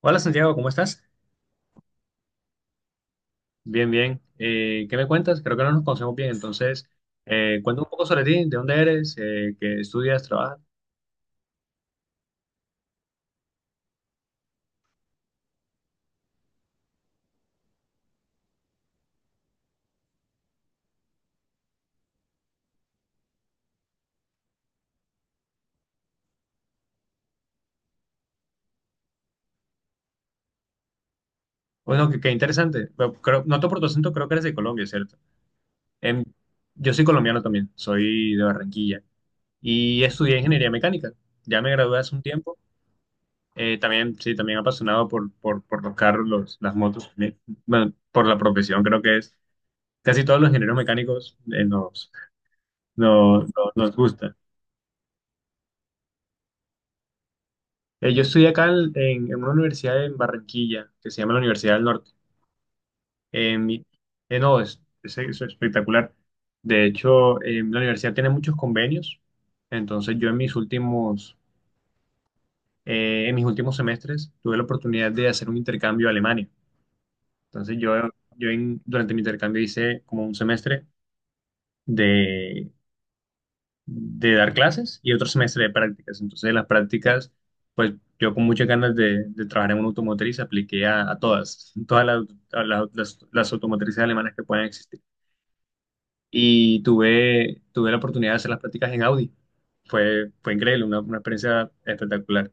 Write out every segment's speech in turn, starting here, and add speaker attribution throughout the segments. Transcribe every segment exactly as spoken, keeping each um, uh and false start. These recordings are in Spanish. Speaker 1: Hola Santiago, ¿cómo estás? Bien, bien. Eh, ¿qué me cuentas? Creo que no nos conocemos bien, entonces eh, cuéntame un poco sobre ti, de dónde eres, eh, qué estudias, trabajas. Bueno, qué, qué interesante. Pero creo, noto por tu acento, creo que eres de Colombia, ¿cierto? Em, yo soy colombiano también, soy de Barranquilla y estudié ingeniería mecánica. Ya me gradué hace un tiempo. Eh, también, sí, también apasionado por, por, por los carros, los- las motos, eh, bueno, por la profesión, creo que es. Casi todos los ingenieros mecánicos eh, nos, nos, nos nos gusta. Eh, yo estudié acá en, en- en una universidad en Barranquilla, que se llama la Universidad del Norte. Eh, mi- eh, no, es, es- es espectacular. De hecho, eh, la universidad tiene muchos convenios. Entonces, yo en mis últimos, eh, en mis últimos semestres tuve la oportunidad de hacer un intercambio a Alemania. Entonces, yo, yo en- durante mi intercambio hice como un semestre de dar clases y otro semestre de prácticas. Entonces, las prácticas, pues yo con muchas ganas de, de trabajar en una automotriz apliqué a, a todas, todas las, a la- las, las automotrices alemanas que puedan existir. Y tuve, tuve la oportunidad de hacer las prácticas en Audi. Fue, fue increíble, una, una experiencia espectacular.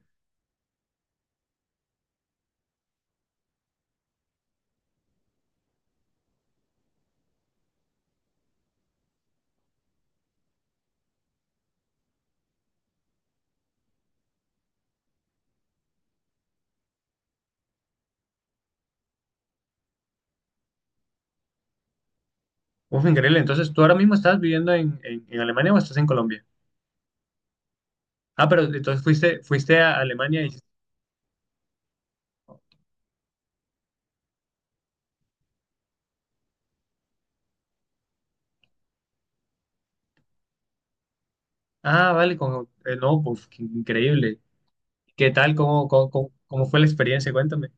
Speaker 1: Uf, increíble. Entonces, ¿tú ahora mismo estás viviendo en, en, en Alemania o estás en Colombia? Ah, pero entonces fuiste, fuiste a Alemania y... Ah, vale, con, eh, no, pues, qué increíble. ¿Qué tal? ¿Cómo, cómo, cómo cómo fue la experiencia? Cuéntame.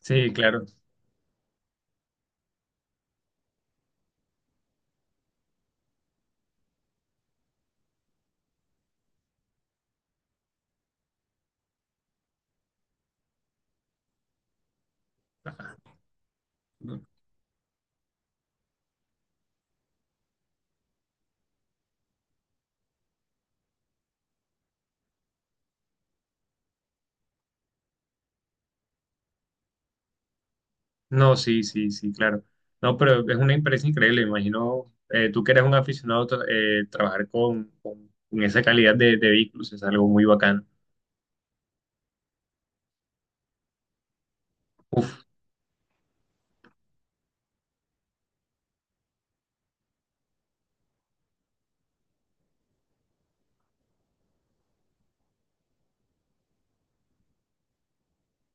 Speaker 1: Sí, claro. No, sí, sí, sí, claro. No, pero es una empresa increíble. Me imagino, eh, tú que eres un aficionado, tra- eh, trabajar con, con- con esa calidad de, de vehículos es algo muy bacano. Uf,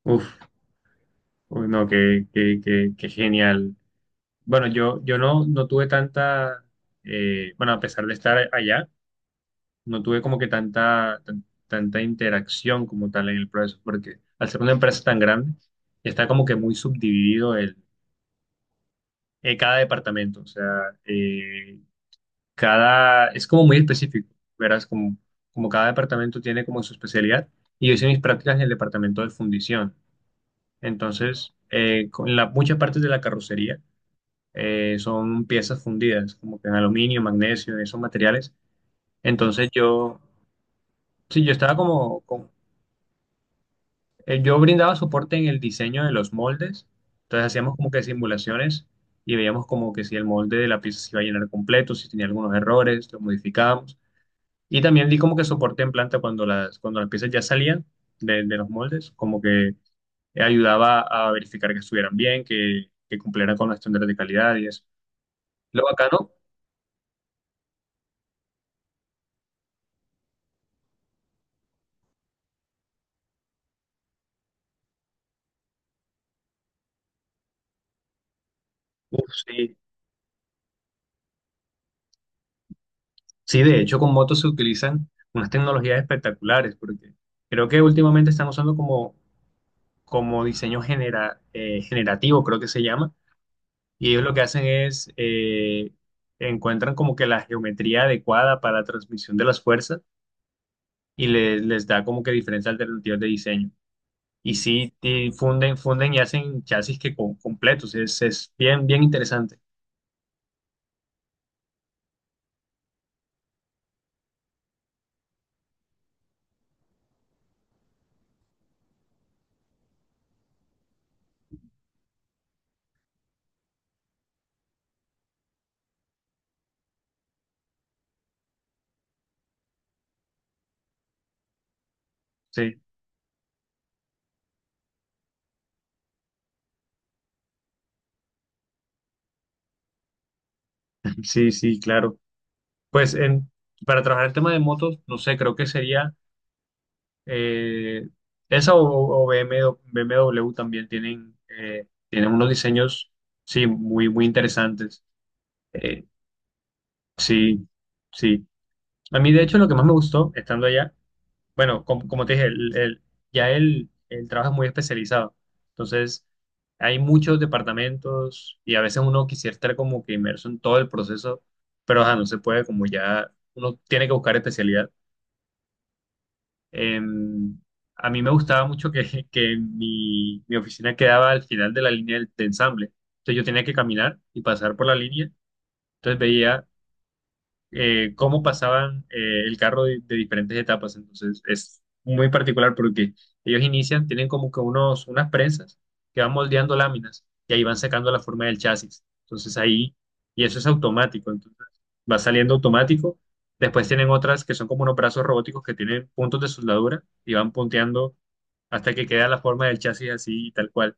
Speaker 1: uf, uy, no, qué, qué, qué- qué genial. Bueno, yo, yo no, no tuve tanta, eh, bueno, a pesar de estar allá, no tuve como que tanta, tan- tanta interacción como tal en el proceso, porque al ser una empresa tan grande, está como que muy subdividido. eh, cada departamento, o sea, eh, cada, es como muy específico, verás, como, como cada departamento tiene como su especialidad, y yo hice mis prácticas en el departamento de fundición, entonces, eh, con la- muchas partes de la carrocería eh, son piezas fundidas, como que en aluminio, magnesio, esos materiales, entonces yo, sí, yo estaba como, como Eh, yo brindaba soporte en el diseño de los moldes, entonces hacíamos como que simulaciones y veíamos como que si el molde de la pieza se iba a llenar completo, si tenía algunos errores, lo modificábamos. Y también di como que soporte en planta cuando las, cuando las piezas ya salían de, de los moldes, como que ayudaba a verificar que estuvieran bien, que, que cumplieran con los estándares de calidad y eso. Lo bacano, uf, sí, sí, de hecho con motos se utilizan unas tecnologías espectaculares porque creo que últimamente están usando como como diseño genera- eh, generativo, creo que se llama, y ellos lo que hacen es eh, encuentran como que la geometría adecuada para la transmisión de las fuerzas y le- les da como que diferentes alternativas de diseño. Y sí, y funden, funden y hacen chasis que con, completos, es, es bien, bien interesante. Sí, sí, sí, claro. Pues en, para trabajar el tema de motos, no sé, creo que sería Eh, esa o, o B M W, B M W también tienen, eh, tienen unos diseños, sí, muy, muy interesantes. Eh, sí, sí. A mí, de hecho, lo que más me gustó estando allá, bueno, como, como te dije, el, el- ya el, el trabajo es muy especializado. Entonces, hay muchos departamentos y a veces uno quisiera estar como que inmerso en todo el proceso, pero ajá, no se puede, como ya uno tiene que buscar especialidad. Eh, a mí me gustaba mucho que, que mi, mi oficina quedaba al final de la línea del, de ensamble. Entonces yo tenía que caminar y pasar por la línea. Entonces veía eh, cómo pasaban eh, el carro de, de diferentes etapas. Entonces es muy particular porque ellos inician, tienen como que unos, unas prensas que van moldeando láminas y ahí van sacando la forma del chasis. Entonces ahí, y eso es automático, entonces va saliendo automático. Después tienen otras que son como unos brazos robóticos que tienen puntos de soldadura y van punteando hasta que queda la forma del chasis así y tal cual.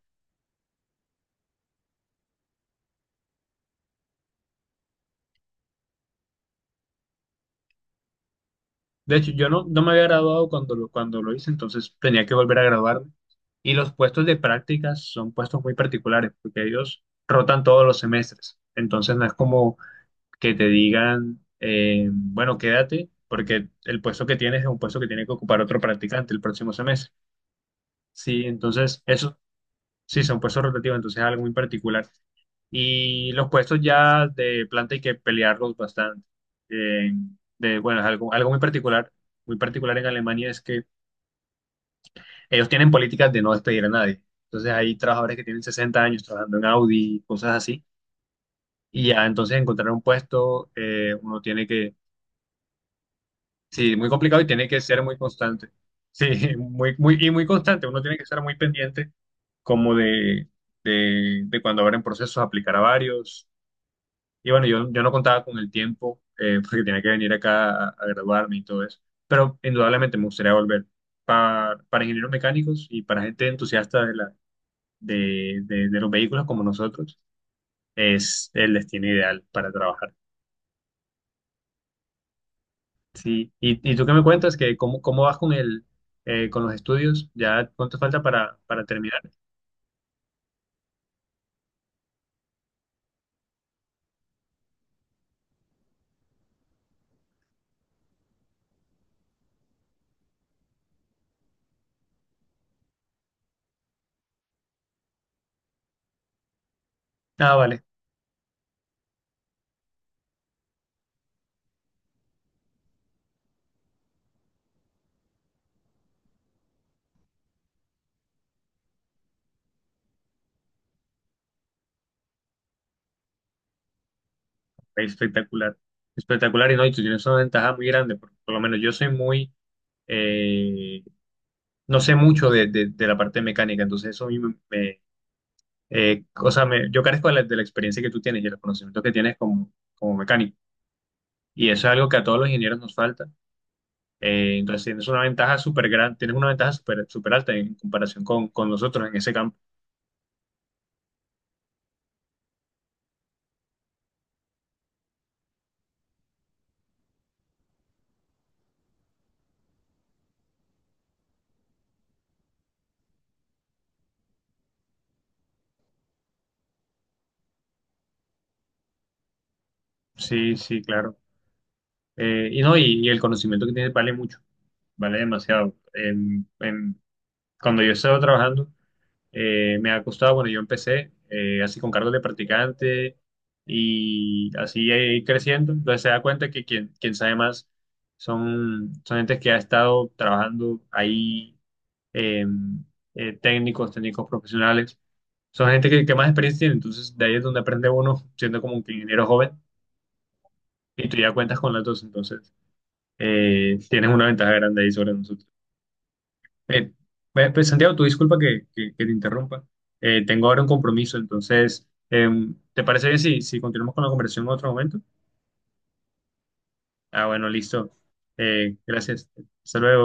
Speaker 1: De hecho, yo no, no me había graduado cuando lo, cuando lo hice, entonces tenía que volver a graduarme. Y los puestos de prácticas son puestos muy particulares, porque ellos rotan todos los semestres. Entonces no es como que te digan, eh, bueno, quédate, porque el puesto que tienes es un puesto que tiene que ocupar otro practicante el próximo semestre. Sí, entonces eso sí, son puestos rotativos, entonces es algo muy particular. Y los puestos ya de planta hay que pelearlos bastante. Eh, de, bueno, es algo, algo muy particular, muy particular en Alemania es que ellos tienen políticas de no despedir a nadie. Entonces hay trabajadores que tienen sesenta años trabajando en Audi, cosas así. Y ya entonces encontrar un puesto, eh, uno tiene que, sí, muy complicado y tiene que ser muy constante. Sí, muy, muy, y muy constante. Uno tiene que estar muy pendiente como de, de, de cuando abren procesos, aplicar a varios. Y bueno, yo, yo no contaba con el tiempo eh, porque tenía que venir acá a, a graduarme y todo eso. Pero indudablemente me gustaría volver para para, ingenieros mecánicos y para gente entusiasta de, la, de, de- de los vehículos como nosotros. Es el destino ideal para trabajar. Sí. ¿Y, y tú qué me cuentas? ¿Que cómo, cómo vas con el, eh, con los estudios? ¿Ya cuánto falta para, para terminar? Ah, vale. Espectacular. Espectacular. Y no, y tú tienes una ventaja muy grande. Por, por lo menos yo soy muy... eh, no sé mucho de, de- de la parte mecánica, entonces eso a mí me, me, eh, o sea, me- yo carezco de la, de la experiencia que tú tienes y el conocimiento que tienes como, como mecánico. Y eso es algo que a todos los ingenieros nos falta. Eh, entonces tienes una ventaja súper gran, tienes una ventaja súper súper alta en comparación con, con nosotros en ese campo. Sí, sí, claro. Eh, y no, y, y el conocimiento que tienes vale mucho, vale demasiado. En- en- cuando yo estaba trabajando, Eh, me ha costado, bueno, yo empecé eh, así con cargos de practicante y así ir creciendo. Entonces se da cuenta que quien, quien sabe más son, son gente que ha estado trabajando ahí, eh, eh, técnicos, técnicos profesionales. Son gente que, que más experiencia tiene, entonces de ahí es donde aprende uno siendo como un ingeniero joven y tú ya cuentas con las dos, entonces eh, tienes una ventaja grande ahí sobre nosotros. Eh, pues, pues, Santiago, tu disculpa que, que- que te interrumpa. Eh, tengo ahora un compromiso, entonces, em, ¿te parece bien si, si continuamos con la conversación en otro momento? Ah, bueno, listo. Eh, gracias. Hasta luego.